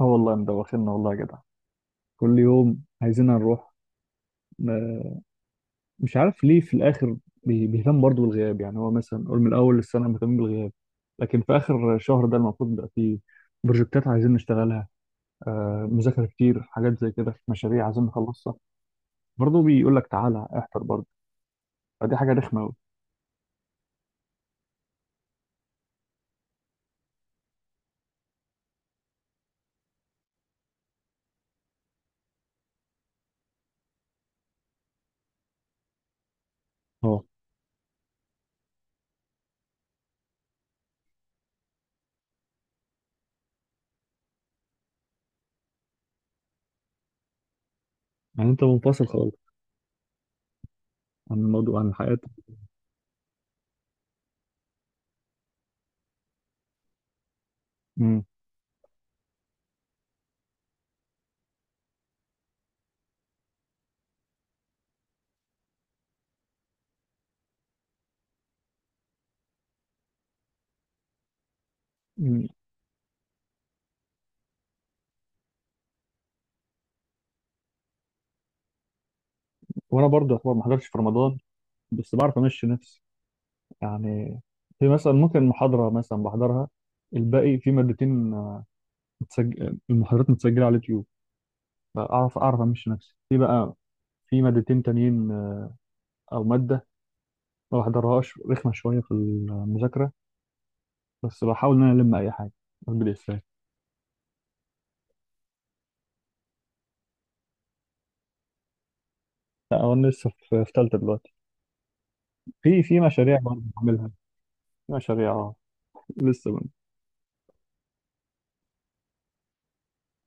اه، والله مدوخنا والله يا جدع. كل يوم عايزين نروح. ما- مش عارف ليه في الاخر. بيهتم برضه بالغياب. يعني هو مثلا قول من اول السنه مهتم بالغياب، لكن في اخر شهر ده المفروض بقى فيه بروجكتات عايزين نشتغلها. مذاكره كتير، حاجات زي كده، مشاريع عايزين نخلصها، برضه بيقول لك تعالى احضر برضه. فدي حاجه رخمه قوي. اه، يعني انت منفصل خالص عن الموضوع، عن الحياه. مم. مم. وانا برضه يعتبر ما حضرتش في رمضان، بس بعرف امشي نفسي. يعني في مثلا ممكن محاضرة مثلا بحضرها. الباقي في مادتين، متسجل المحاضرات متسجلة على اليوتيوب، فأعرف أعرف أمشي نفسي في بقى. في مادتين تانيين، أو مادة ما بحضرهاش رخمة شوية في المذاكرة. بس بحاول إن أنا ألم أي حاجة. أقول إزاي؟ لا هو أنا لسه في تالتة دلوقتي. في مشاريع برضه بعملها. في مشاريع، لسه بعمل.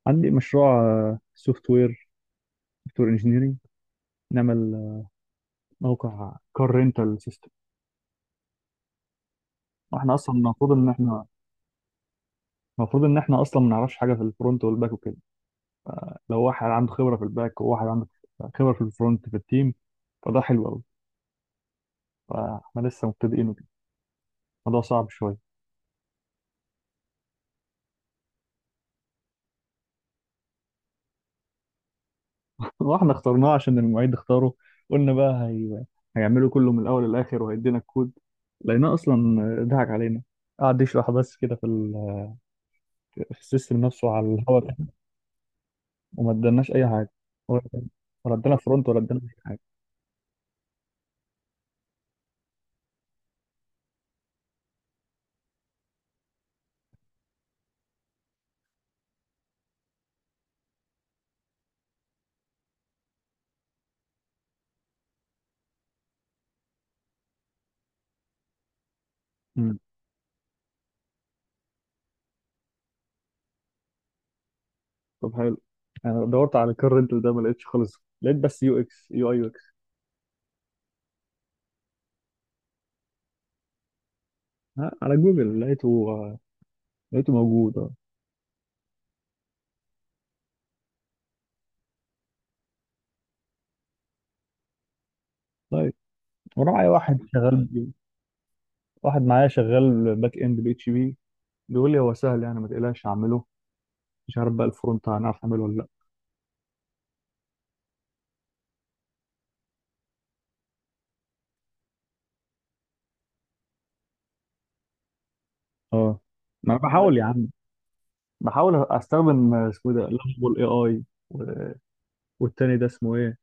عندي مشروع سوفت وير. سوفت وير انجينيرنج. نعمل، موقع كار رينتال سيستم. واحنا اصلا المفروض ان احنا اصلا ما نعرفش حاجه في الفرونت والباك وكده. لو واحد عنده خبره في الباك، وواحد عنده خبره في الفرونت في التيم، فده حلو قوي. فاحنا لسه مبتدئين وكده. الموضوع صعب شويه. واحنا اخترناه عشان المعيد اختاره. قلنا بقى هيعمله كله من الاول للاخر وهيدينا الكود. لقيناه اصلا ضحك علينا. قعد يشرح بس كده في السيستم نفسه على الهوا كده. وما ادالناش اي حاجه، ولا ولا ادانا فرونت، ولا ادانا اي حاجه. مم. طب حلو. انا دورت على الكار رينتال ده ما لقيتش خالص، لقيت بس يو اكس يو اي. ها، على جوجل لقيته. لقيته موجود اه. طيب. وراعي واحد شغال. واحد معايا شغال باك اند بي اتش بي. بيقول لي هو سهل، يعني ما تقلقش اعمله. مش عارف بقى الفرونت هنعرف نعمله ولا لا. اه، ما انا بحاول يا عم. بحاول استخدم اسمه إيه ده، لافبول اي اي. والتاني ده اسمه ايه؟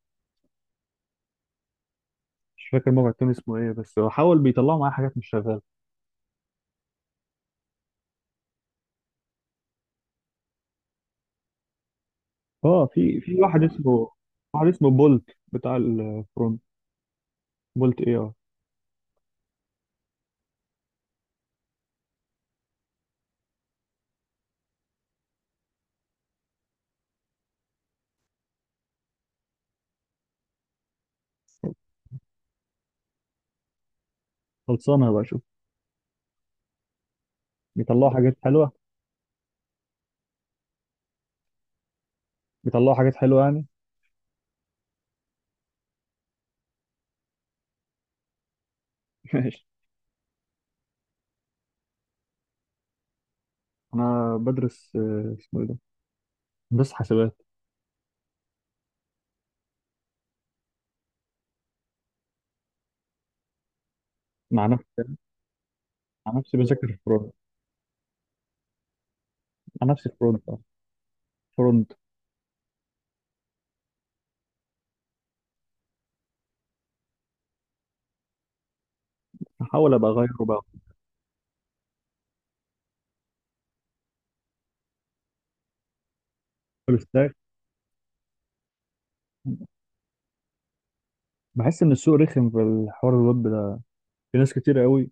مش فاكر الموقع التاني اسمه ايه، بس بحاول بيطلعوا معايا حاجات مش شغاله. اه، في واحد اسمه، واحد اسمه بولت بتاع الفرونت. بولت اي اي. خلصانه بقى، شوف. بيطلعوا حاجات حلوه. بيطلعوا حاجات حلوه يعني. انا بدرس، اسمه ايه ده، بس حسابات. مع نفسي. مع نفسي بذاكر الفرونت. مع نفسي الفرونت، فرونت. بحاول ابقى اغيره بقى. فول ستاك. بحس ان السوق رخم في الحوار الويب ده. في ناس كتير قوي.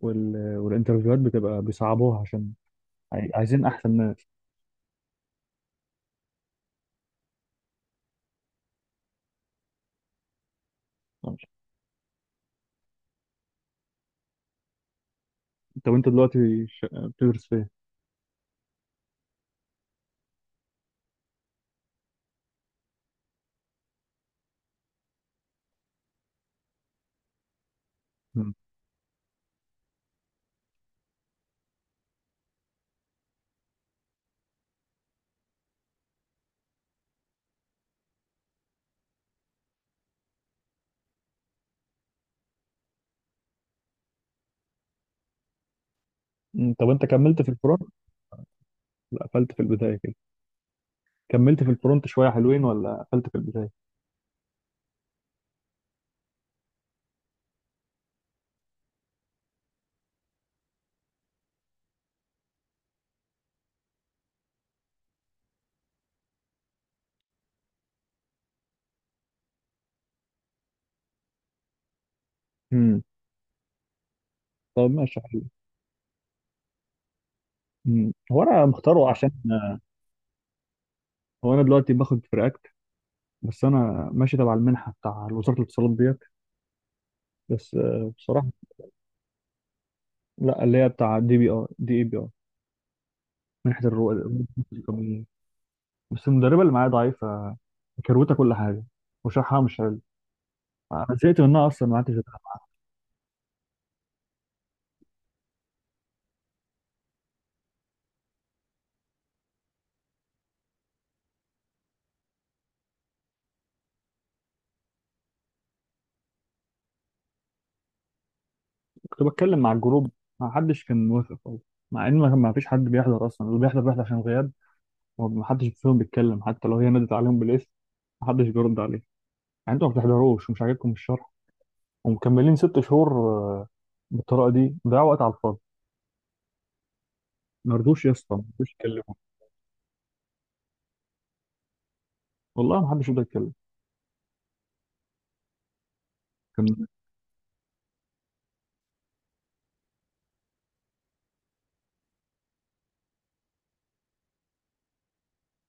والانترفيوهات بتبقى بيصعبوها عشان عايزين احسن ناس. طب طب انت دلوقتي بتدرس فين؟ مم. مم. طب انت كملت في الفرونت؟ لا، قفلت في البدايه كده. كملت في الفرونت شويه حلوين، ولا قفلت في البدايه؟ امم طب ماشي، حلو. مم. هو انا مختاره عشان، هو انا دلوقتي باخد في React. بس انا ماشي تبع المنحه بتاع وزاره الاتصالات ديت. بس، بصراحه. لا، اللي هي بتاع دي بي ار دي اي بي ار. منحه الرواد القانونيه. بس المدربه اللي معايا ضعيفه. كروته كل حاجه. وشرحها مش حلو. انا زهقت منها اصلا، ما عدتش أتابعها. كنت بتكلم مع الجروب، ما حدش كان موافق خالص. مع ان ما فيش حد بيحضر اصلا. اللي بيحضر بيحضر عشان غياب. وما حدش فيهم بيتكلم حتى لو هي نادت عليهم بالاسم. ما حدش بيرد عليه. يعني انتوا ما بتحضروش، ومش عاجبكم الشرح، ومكملين 6 شهور، بالطريقه دي ضيعوا وقت على الفاضي. ما رضوش يا اسطى، ما رضوش يتكلموا. والله ما حدش رضى يتكلم. كان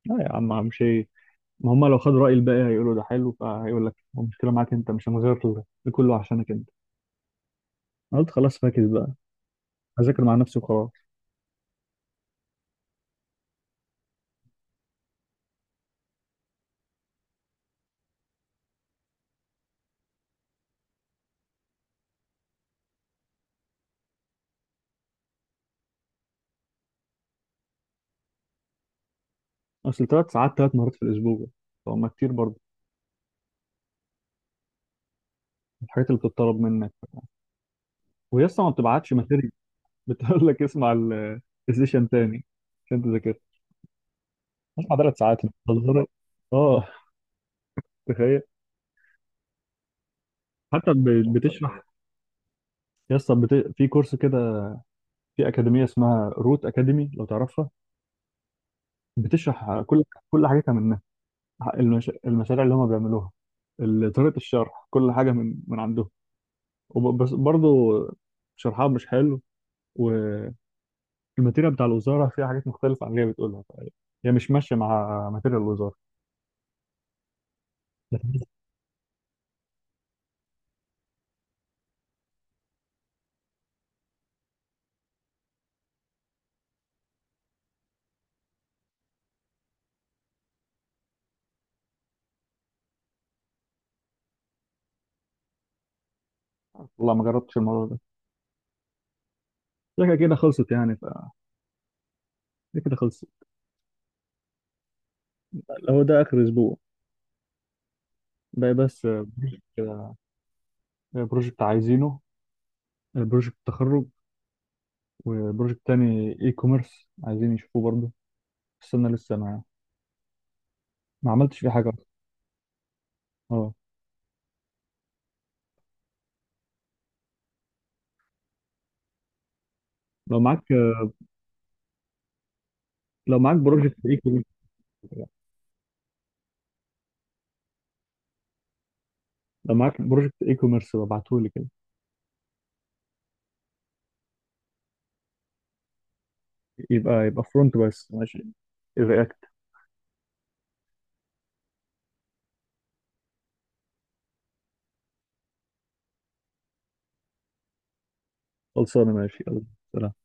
لا يا عم، مش هي. ما هم لو خدوا رأي الباقي هيقولوا ده حلو، فهيقول لك هو المشكلة معاك انت، مش هنغير. ده كله عشانك انت. أنا قلت خلاص، فاكس بقى. هذاكر مع نفسي وخلاص. اصل 3 ساعات، 3 مرات في الاسبوع، فهم كتير برضه. الحاجات اللي بتطلب منك، وهي اصلا ما بتبعتش ماتيريال. بتقول لك اسمع السيشن تاني عشان تذاكر. اسمع، 3 ساعات بتهزر. اه، تخيل. حتى بتشرح. يا اسطى في كورس كده، في اكاديميه اسمها روت اكاديمي لو تعرفها، بتشرح كل حاجتها منها. المشاريع اللي هم بيعملوها. طريقة الشرح، كل حاجة من عندهم. بس برضه شرحها مش حلو. والماتيريال بتاع الوزارة فيها حاجات مختلفة عن اللي هي بتقولها، هي مش ماشية مع ماتيريال الوزارة. لكن والله ما جربتش الموضوع ده. شكلها كده خلصت يعني دي كده خلصت. هو ده آخر أسبوع. باقي بس بروجكت كده. بروجكت عايزينه. بروجكت تخرج، وبروجكت تاني اي كوميرس عايزين يشوفوه برضه. السنة لسه ما عملتش فيه حاجة أصلاً. اه، لو معاك لو معاك بروجكت اي كوميرس لو معاك بروجكت اي كوميرس ابعته لي كده. يبقى فرونت بس، ماشي. رياكت. خلصانه، ماشي، يلا. سلام.